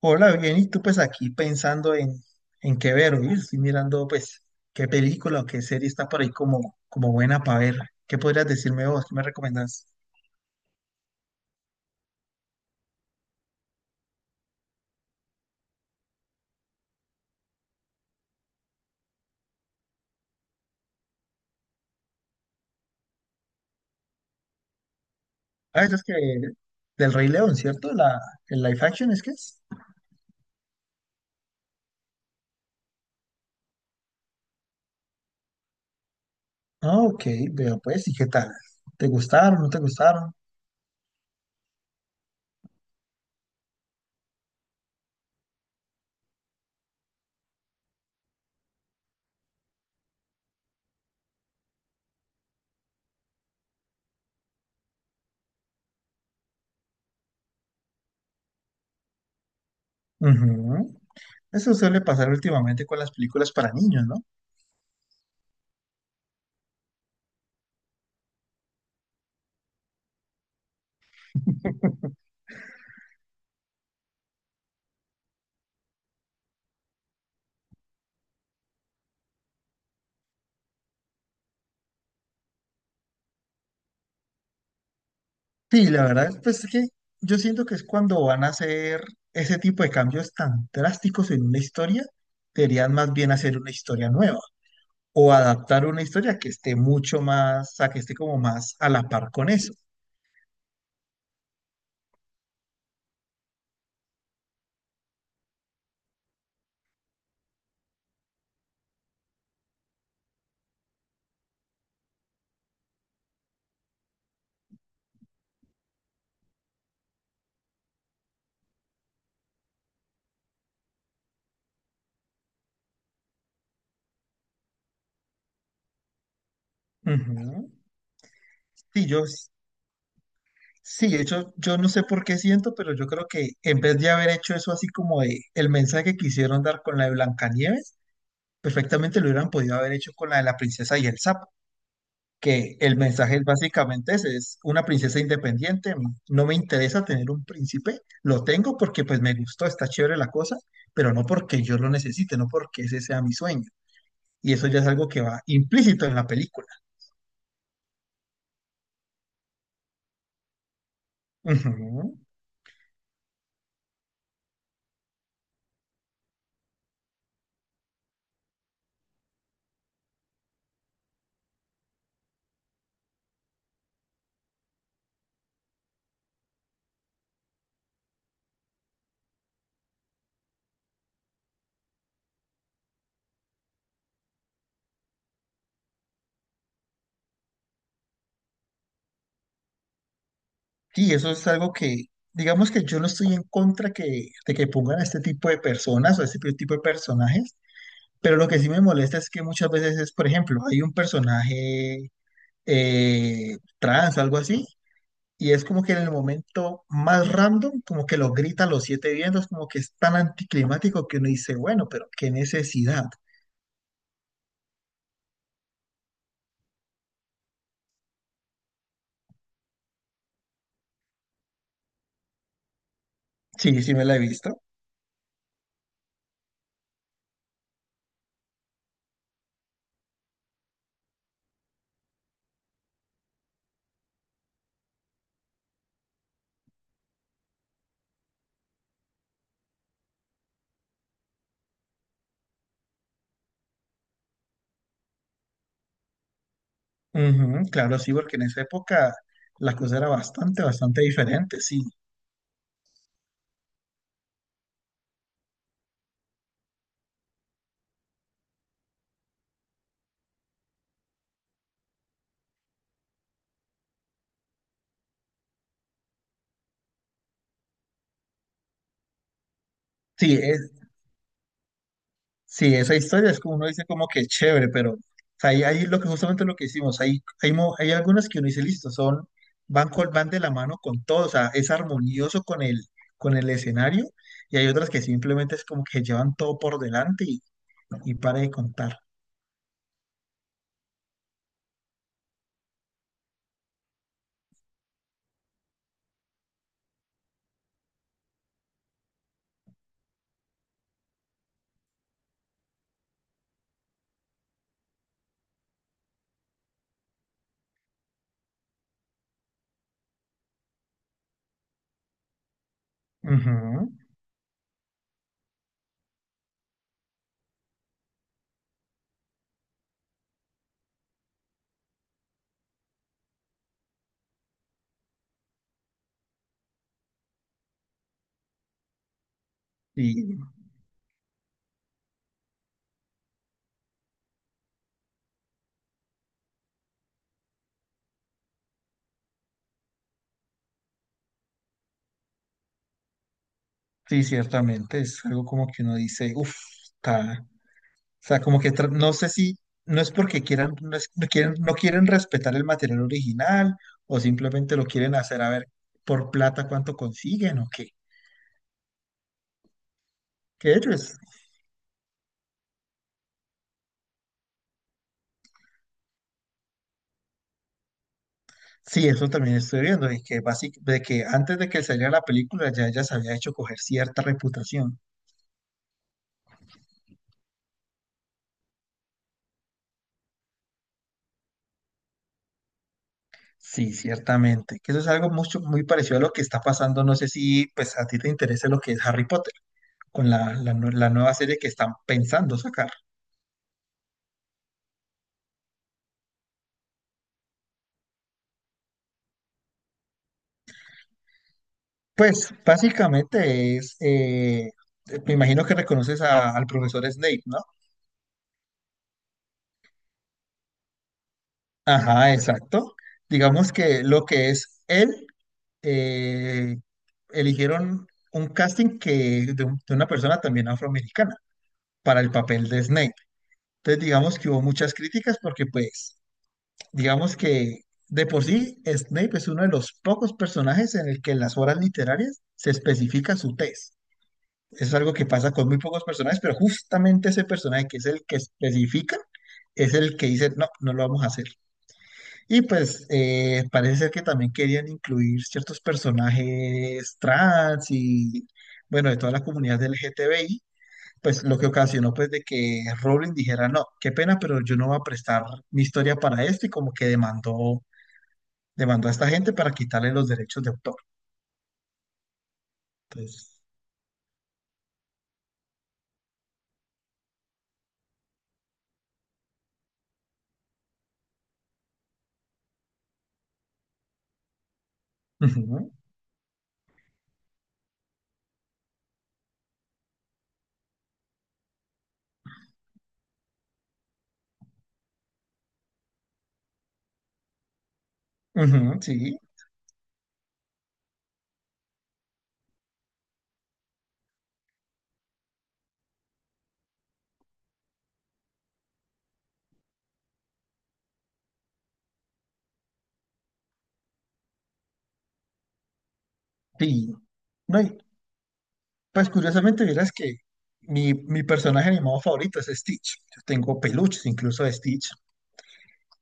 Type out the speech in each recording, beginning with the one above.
Hola, bien, y tú pues aquí pensando en qué ver. Oye, estoy mirando pues qué película o qué serie está por ahí como buena para ver. ¿Qué podrías decirme vos? ¿Qué me recomendás? Ah, eso es que del Rey León, ¿cierto? El live action es que es. Ah, ok, veo pues, ¿y qué tal? ¿Te gustaron? ¿No te gustaron? Ujú. Eso suele pasar últimamente con las películas para niños, ¿no? Sí, la verdad, pues es que yo siento que es cuando van a hacer ese tipo de cambios tan drásticos en una historia, deberían más bien hacer una historia nueva o adaptar una historia que esté mucho más, a que esté como más a la par con eso. Ujú. Sí, yo, sí, de hecho, yo no sé por qué siento, pero yo creo que en vez de haber hecho eso así como de el mensaje que quisieron dar con la de Blancanieves, perfectamente lo hubieran podido haber hecho con la de la princesa y el sapo. Que el mensaje básicamente es una princesa independiente, no me interesa tener un príncipe, lo tengo porque pues me gustó, está chévere la cosa, pero no porque yo lo necesite, no porque ese sea mi sueño. Y eso ya es algo que va implícito en la película. Ujú. Sí, eso es algo que, digamos que yo no estoy en contra que, de que pongan a este tipo de personas o a este tipo de personajes, pero lo que sí me molesta es que muchas veces es, por ejemplo, hay un personaje trans o algo así. Y es como que en el momento más random, como que lo gritan los siete vientos, como que es tan anticlimático que uno dice, bueno, pero qué necesidad. Sí, sí me la he visto. Ujú, claro, sí, porque en esa época la cosa era bastante, bastante diferente, sí. Sí, es Sí, esa historia es como uno dice como que chévere, pero o sea, ahí lo que justamente lo que hicimos, hay algunas que uno dice, listo, son, van, van de la mano con todo, o sea, es armonioso con el escenario, y hay otras que simplemente es como que llevan todo por delante y para de contar. Ujú. Sí, sí, ciertamente, es algo como que uno dice, uff, sea, como que no sé si no es porque quieran, no quieren respetar el material original o simplemente lo quieren hacer a ver por plata cuánto consiguen o qué. Que ellos, sí, eso también estoy viendo, y que de que antes de que saliera la película ya ella se había hecho coger cierta reputación. Sí, ciertamente. Que eso es algo muy parecido a lo que está pasando. No sé si pues a ti te interesa lo que es Harry Potter, con la nueva serie que están pensando sacar. Pues básicamente me imagino que reconoces al profesor Snape, ¿no? Ajá, exacto. Digamos que lo que es él, eh, eligieron un casting de una persona también afroamericana para el papel de Snape. Entonces digamos que hubo muchas críticas porque pues digamos que de por sí Snape es uno de los pocos personajes en el que en las obras literarias se especifica su tez. Es algo que pasa con muy pocos personajes, pero justamente ese personaje que es el que especifica, es el que dice, no, no lo vamos a hacer. Y pues parece ser que también querían incluir ciertos personajes trans y, bueno, de toda la comunidad del L g t LGTBI, pues lo que ocasionó pues de que Rowling dijera, no, qué pena, pero yo no voy a prestar mi historia para esto y como que demandó a esta gente para quitarle los derechos de autor. Entonces, ujú, ujú, sí, sí. No, pues curiosamente, vieras que mi personaje animado favorito es Stitch. Yo tengo peluches incluso de Stitch.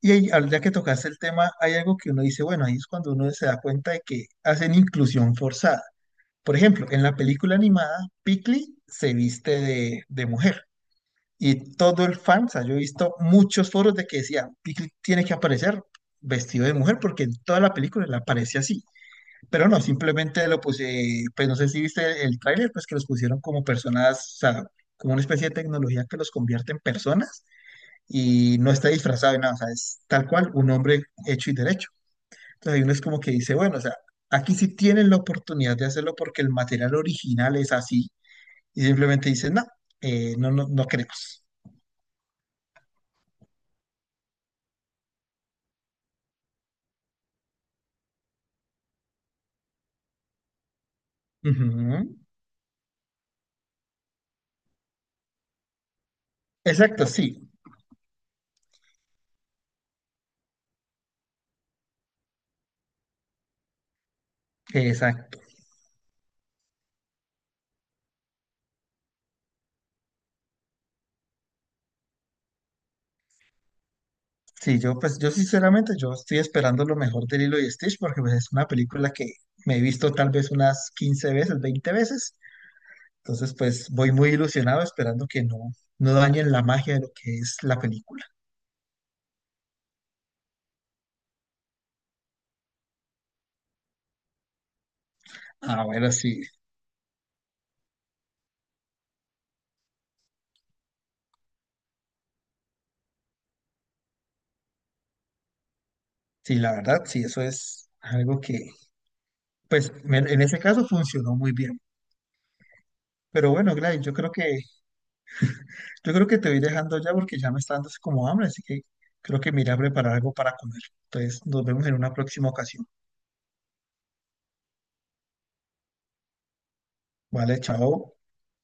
Y ahí, ya que tocaste el tema, hay algo que uno dice, bueno, ahí es cuando uno se da cuenta de que hacen inclusión forzada. Por ejemplo, en la película animada, Piccoli se viste de mujer. Y todo el fan, o sea, yo he visto muchos foros de que decían, Piccoli tiene que aparecer vestido de mujer porque en toda la película le aparece así. Pero no, simplemente lo puse, pues no sé si viste el, tráiler, pues que los pusieron como personas, o sea, como una especie de tecnología que los convierte en personas y no está disfrazado de nada, o sea, es tal cual un hombre hecho y derecho. Entonces hay uno es como que dice, bueno, o sea, aquí sí tienen la oportunidad de hacerlo porque el material original es así y simplemente dicen, no, no, no, no queremos. Ujú. Exacto, sí. Sí, yo pues yo sinceramente yo estoy esperando lo mejor de Lilo y Stitch porque pues es una película que me he visto tal vez unas 15 veces, 20 veces. Entonces pues voy muy ilusionado esperando que no, no dañen la magia de lo que es la película. Ah, bueno, sí, sí, la verdad, sí, eso es algo que pues en ese caso funcionó muy bien. Pero bueno, Gladys, yo creo que te voy dejando ya porque ya me está dando así como hambre, así que creo que me iré a preparar algo para comer. Entonces nos vemos en una próxima ocasión. Vale, chao.